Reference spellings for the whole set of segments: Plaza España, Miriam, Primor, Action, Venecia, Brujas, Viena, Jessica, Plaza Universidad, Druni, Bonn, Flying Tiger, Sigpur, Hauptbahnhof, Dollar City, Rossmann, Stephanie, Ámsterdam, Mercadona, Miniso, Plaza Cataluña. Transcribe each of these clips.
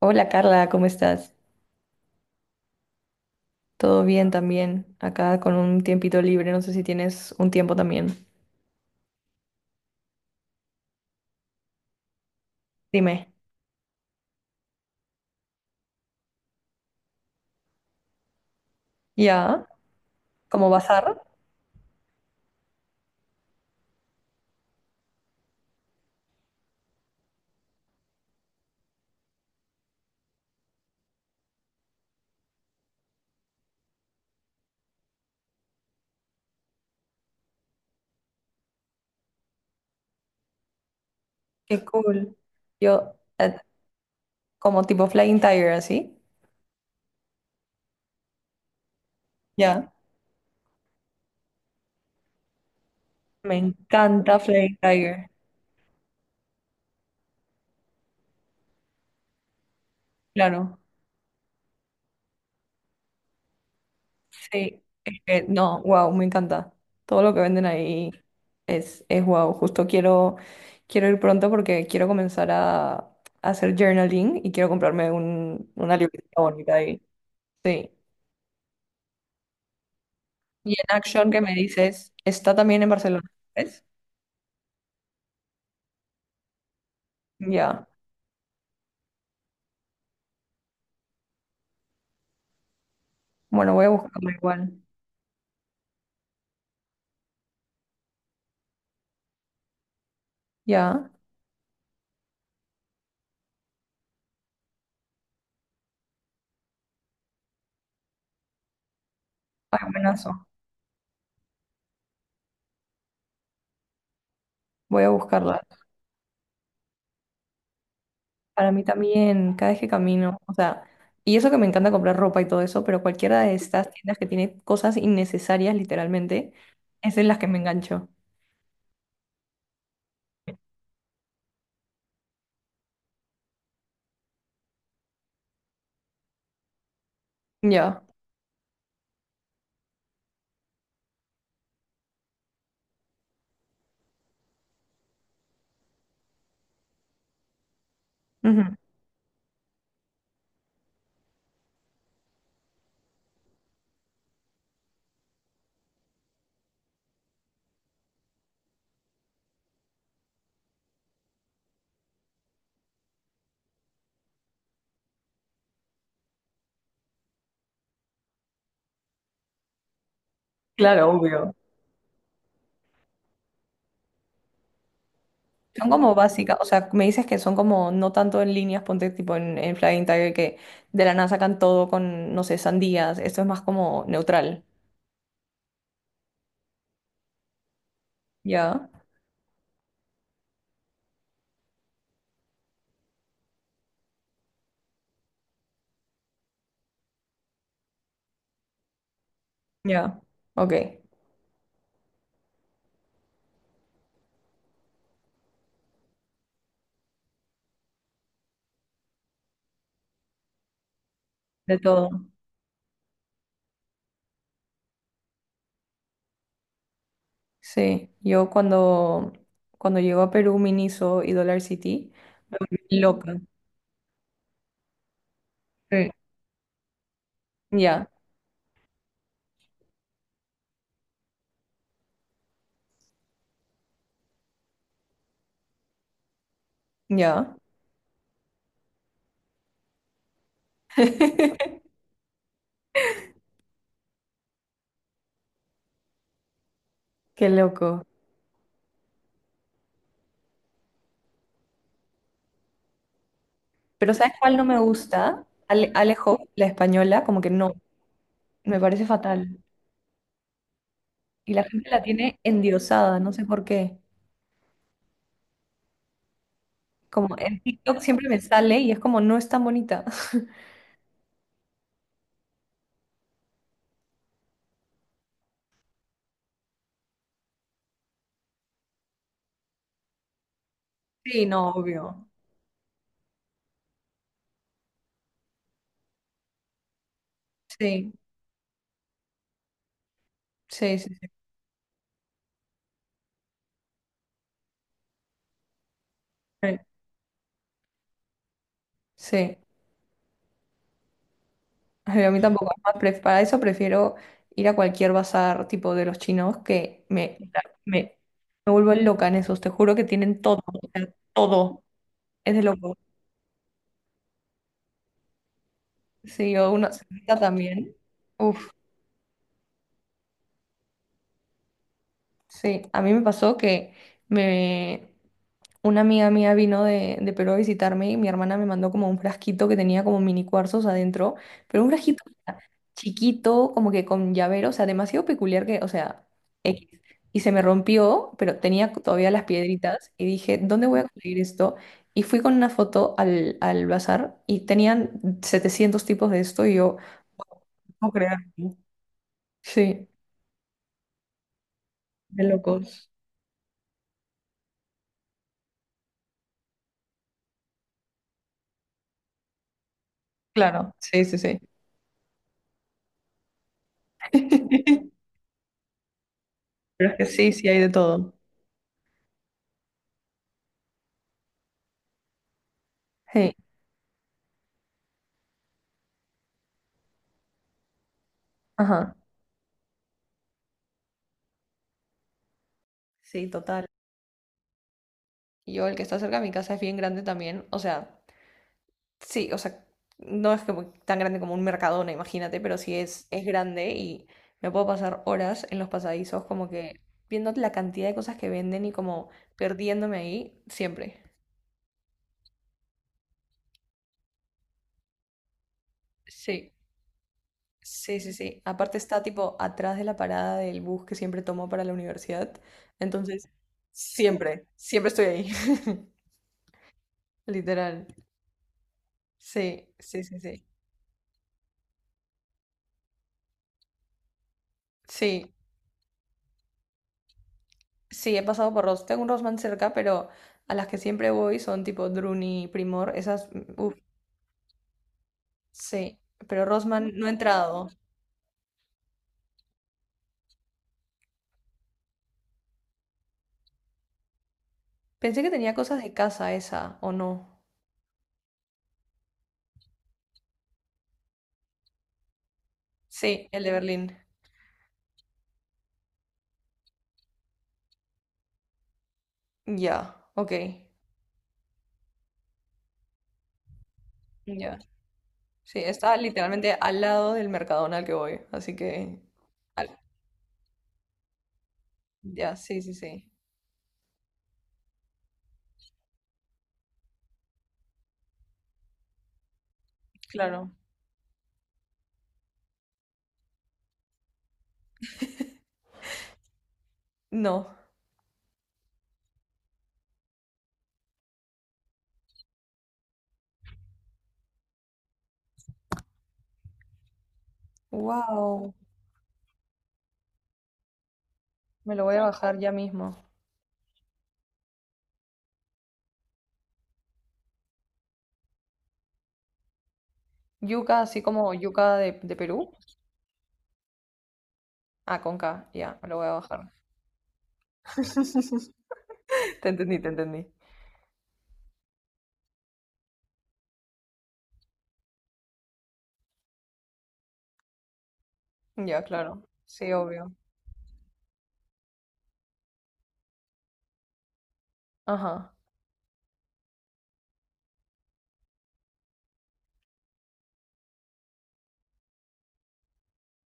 Hola Carla, ¿cómo estás? ¿Todo bien también? Acá con un tiempito libre, no sé si tienes un tiempo también. Dime. ¿Ya? ¿Como bazar? Qué cool. Yo, como tipo Flying Tiger, así. Ya. Me encanta Flying Tiger. Claro. Sí. Es que, no, wow, me encanta. Todo lo que venden ahí es wow. Quiero ir pronto porque quiero comenzar a hacer journaling y quiero comprarme una libreta bonita ahí. Sí. Y en Action que me dices, está también en Barcelona, ¿ves? Ya. Bueno, voy a buscarla igual. Ya. Ay, buenazo. Voy a buscarla. Para mí también, cada vez que camino, o sea, y eso que me encanta comprar ropa y todo eso, pero cualquiera de estas tiendas que tiene cosas innecesarias, literalmente, es en las que me engancho. Ya. Ujú. Claro, obvio. Son como básicas, o sea, me dices que son como no tanto en líneas, ponte tipo en Flying Tiger que de la nada sacan todo con, no sé, sandías, esto es más como neutral. Ya, ya, ok, de todo. Sí, cuando llego a Perú, Miniso y Dollar City, me volví loca. Sí. Ya, ya. Qué loco. Pero ¿sabes cuál no me gusta? Alejo, la española, como que no, me parece fatal. Y la gente la tiene endiosada, no sé por qué. Como en TikTok siempre me sale y es como no es tan bonita. Sí, no, obvio. Sí, sí, sí, sí. Sí. Sí. Ay, a mí tampoco. Es más, para eso prefiero ir a cualquier bazar tipo de los chinos me, me vuelvo loca en esos. Te juro que tienen todo, o sea, todo. Es de loco. Sí, yo una cerveza también. Uf, sí. A mí me pasó que me, Una amiga mía vino de Perú a visitarme y mi hermana me mandó como un frasquito que tenía como mini cuarzos adentro, pero un frasquito chiquito, como que con llavero, o sea, demasiado peculiar que, o sea, X. Y se me rompió, pero tenía todavía las piedritas y dije, ¿dónde voy a conseguir esto? Y fui con una foto al bazar y tenían 700 tipos de esto y yo, no puedo creerlo. Sí, de locos. Claro, sí, sí, sí. Pero es que sí, sí hay de todo. Sí, ajá. Sí, total. Y yo, el que está cerca de mi casa es bien grande también. O sea, sí, o sea, no es como tan grande como un Mercadona, imagínate, pero sí es grande y me puedo pasar horas en los pasadizos como que viendo la cantidad de cosas que venden y como perdiéndome ahí siempre. Sí, sí, sí, sí. Aparte está tipo atrás de la parada del bus que siempre tomo para la universidad. Entonces, siempre, siempre estoy ahí. Literal. Sí, sí, sí, sí. Sí, sí, he pasado por Ross. Tengo un Rossmann cerca, pero a las que siempre voy son tipo Druni, Primor, esas, uf, sí. Pero Rossmann no he entrado. Pensé que tenía cosas de casa esa, ¿o no? Sí, el de Berlín. Ya, ok. Ya. Sí, está literalmente al lado del Mercadona al que voy, así que... al- Ya, sí, sí, sí. Claro. No. Wow. Me lo voy a bajar ya mismo. Yuca, así como yuca de Perú. Ah, con K, ya, me lo voy a bajar. Te entendí, te entendí. Ya, claro. Sí, obvio. Ajá.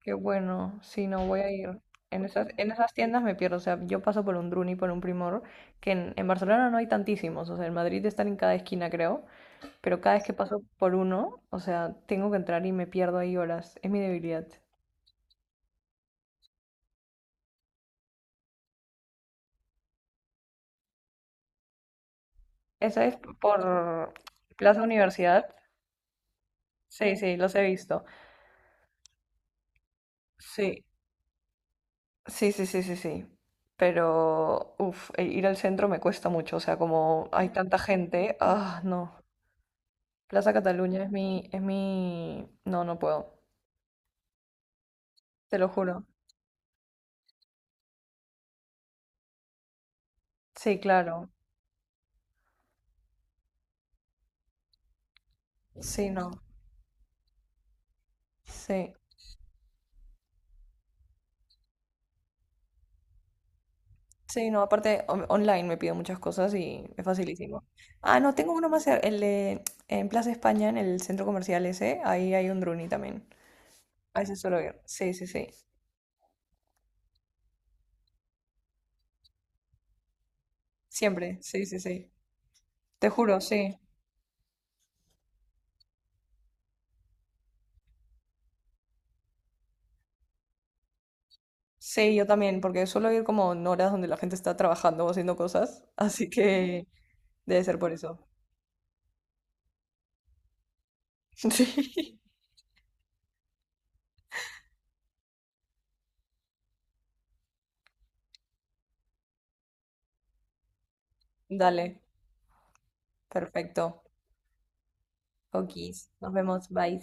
Qué bueno. Sí, no voy a ir. En esas tiendas me pierdo. O sea, yo paso por un Druni, por un Primor, que en Barcelona no hay tantísimos. O sea, en Madrid están en cada esquina, creo. Pero cada vez que paso por uno, o sea, tengo que entrar y me pierdo ahí horas. Es mi debilidad. Esa es por Plaza Universidad. Sí, sí, los he visto. Sí, sí, sí, sí, sí, sí. Pero, uff, ir al centro me cuesta mucho. O sea, como hay tanta gente, ah, no. Plaza Cataluña es mi... No, no puedo. Te lo juro. Sí, claro. Sí, no. Sí. Sí, no. Aparte, online me pido muchas cosas y es facilísimo. Ah, no, tengo uno más, en Plaza España, en el centro comercial ese, ahí hay un Druni también. A ese suelo ir. Sí, sí, sí. Siempre. Sí, sí, sí. Te juro, sí. Sí, yo también, porque suelo ir como en horas donde la gente está trabajando o haciendo cosas, así que debe ser por eso. Sí. Dale, perfecto. Okis, nos vemos, bye.